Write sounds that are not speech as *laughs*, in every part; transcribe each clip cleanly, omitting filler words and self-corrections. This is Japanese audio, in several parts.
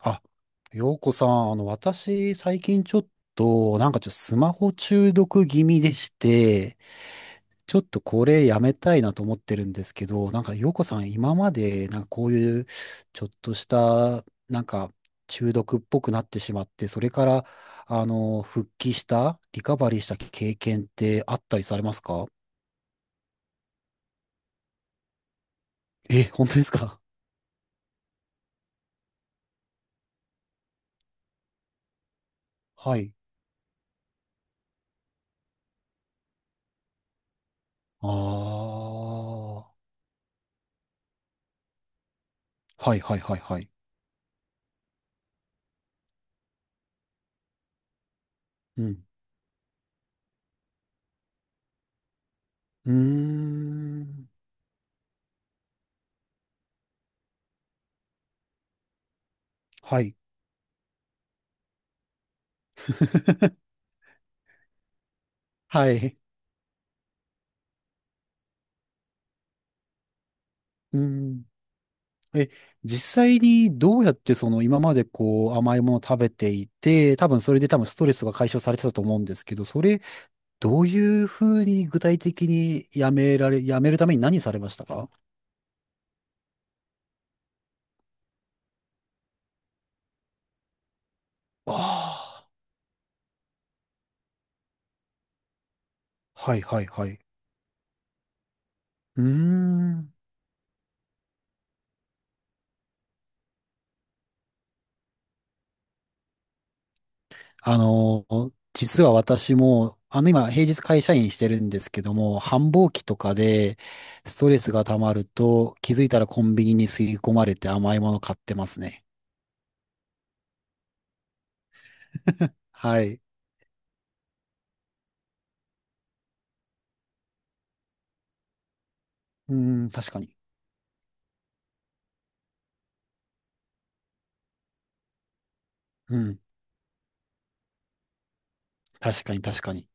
あ、ようこさん、私、最近ちょっと、なんかちょっとスマホ中毒気味でして、ちょっとこれやめたいなと思ってるんですけど、なんかようこさん、今まで、なんかこういう、ちょっとした、なんか、中毒っぽくなってしまって、それから、復帰した、リカバリーした経験ってあったりされますか？え、本当ですか？はい。ああ、はいはいはいはい。うん。うーん。はい。はい。うん。え、実際にどうやってその今までこう甘いものを食べていて、多分それで多分ストレスが解消されてたと思うんですけど、それどういうふうに具体的にやめるために何されましたか？ああー、はいはいはい。うーん。あの、実は私も、今平日会社員してるんですけども、繁忙期とかでストレスが溜まると気づいたらコンビニに吸い込まれて甘いもの買ってますね。はい。うーん、確かに。うん、確かに、確かに。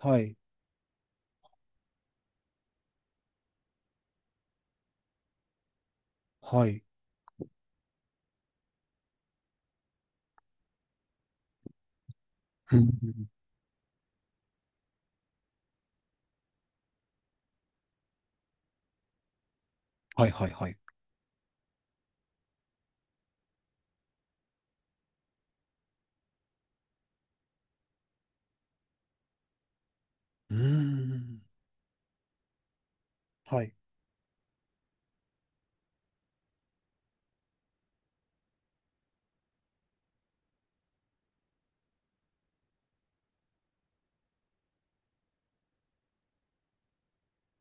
はい、はい。うん、はい、はい、はい。うーん、はい。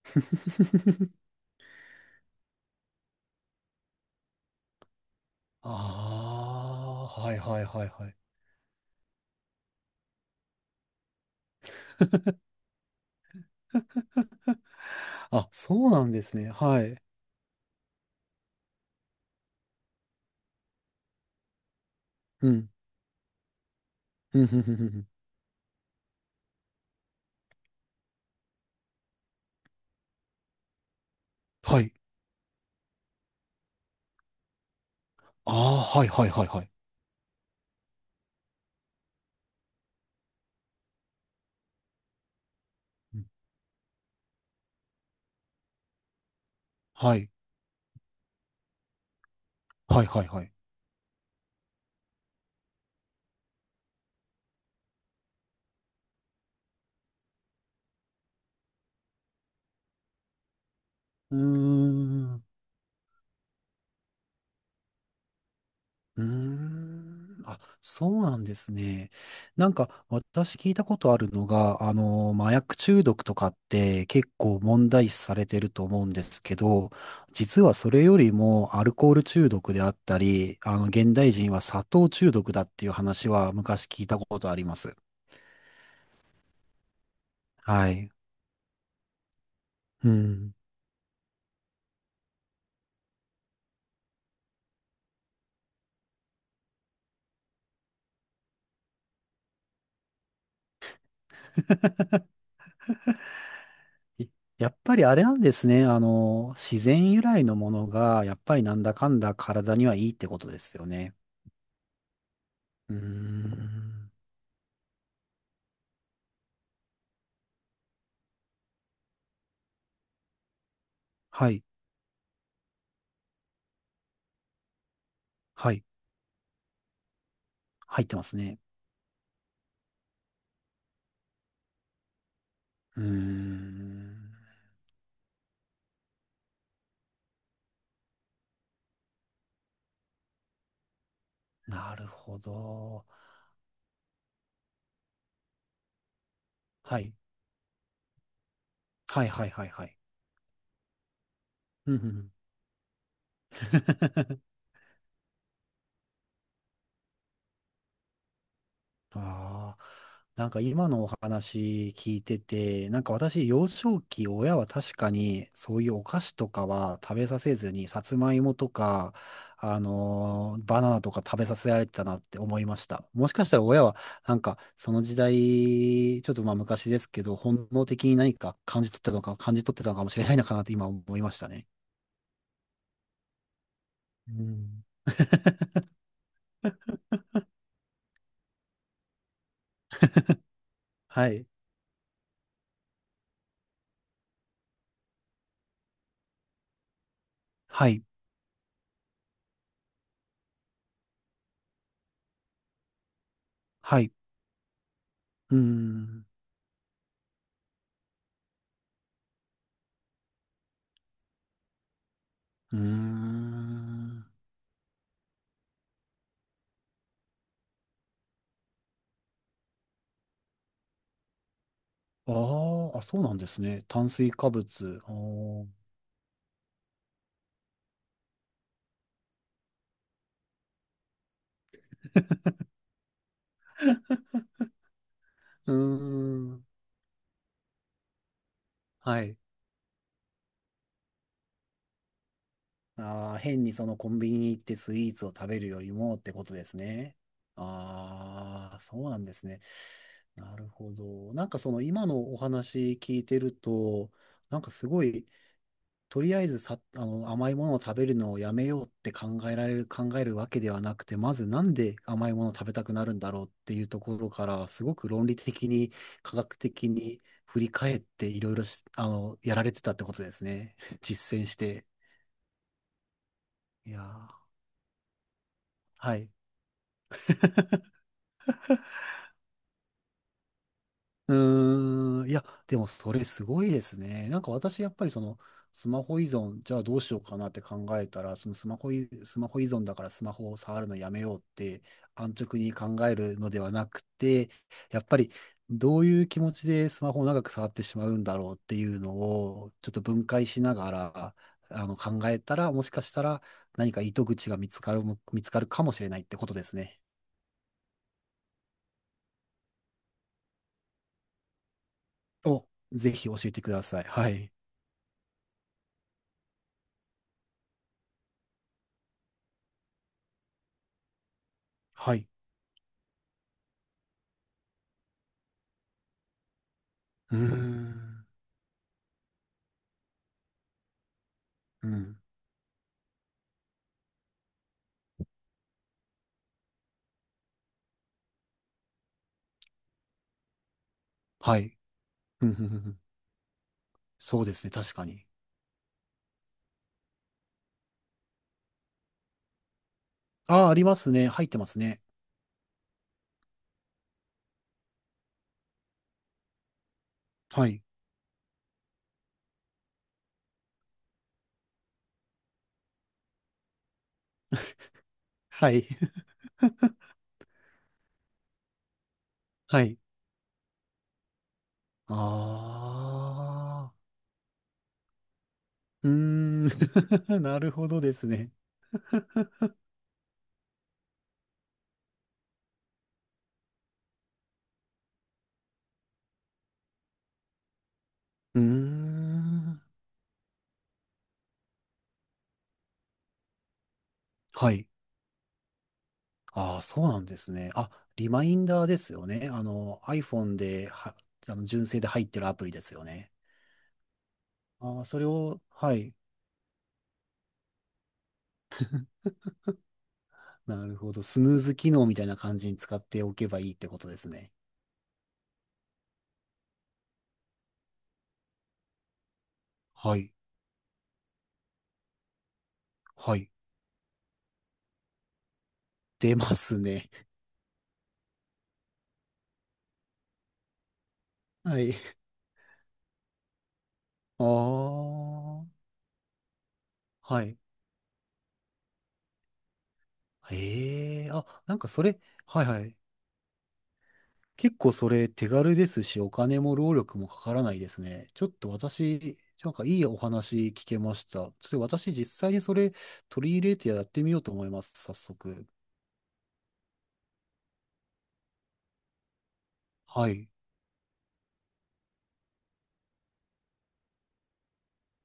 *laughs* ああ、はい、はい、はい、はい。*laughs* あ、そうなんですね。はい。うん。うん、うん、うん、うんうんはい。ああ、はい、はい、はい、はい。うんはい、はい、はい、はい。うーん。うーん。あ、そうなんですね。なんか、私聞いたことあるのが、麻薬中毒とかって結構問題視されてると思うんですけど、実はそれよりもアルコール中毒であったり、現代人は砂糖中毒だっていう話は昔聞いたことあります。はい。うん。いやっぱりあれなんですね。自然由来のものが、やっぱりなんだかんだ体にはいいってことですよね。うーん。はい。はい。入ってますね。うーん。なるほど。はい。はいはいはいはい。うんうんうん *laughs* ああ、なんか今のお話聞いてて、なんか私、幼少期、親は確かにそういうお菓子とかは食べさせずに、さつまいもとか、バナナとか食べさせられてたなって思いました。もしかしたら親は、なんかその時代、ちょっとまあ昔ですけど、本能的に何か感じ取ってたのかもしれないのかなって今思いましたね。うん。*laughs* はい。はい。はい。うーん。うーん。ああ、あ、そうなんですね。炭水化物。あーうーん。はい。ああ、変にそのコンビニに行ってスイーツを食べるよりもってことですね。ああ、そうなんですね。なるほど。なんかその今のお話聞いてると、なんかすごいとりあえずさ、甘いものを食べるのをやめようって考えるわけではなくて、まずなんで甘いものを食べたくなるんだろうっていうところから、すごく論理的に、科学的に振り返っていろいろし、あの、やられてたってことですね。*laughs* 実践して。いやー、はい。うーん、いや、でもそれすごいですね。なんか私、やっぱりその、スマホ依存、じゃあどうしようかなって考えたら、そのスマホ依存だからスマホを触るのやめようって安直に考えるのではなくて、やっぱりどういう気持ちでスマホを長く触ってしまうんだろうっていうのを、ちょっと分解しながら、考えたら、もしかしたら何か糸口が見つかるかもしれないってことですね。お、ぜひ教えてください。はい。はい。うーん。うん。はい。*laughs* うんうんうんふんそうですね、確かに。ああ、ありますね。入ってますね。はい。はい。*laughs* はい。ああ。うーん。*laughs* なるほどですね。*laughs* うーん。はい。ああ、そうなんですね。あ、リマインダーですよね。iPhone では、純正で入ってるアプリですよね。ああ、それを、はい。なるほど。スヌーズ機能みたいな感じに使っておけばいいってことですね。はい。はい。出ますね。はい。ああ、はい。ええ、あ、なんかそれ、はいはい。結構それ手軽ですし、お金も労力もかからないですね。ちょっと私、なんかいいお話聞けました。ちょっと私実際にそれ取り入れてやってみようと思います、早速。はい。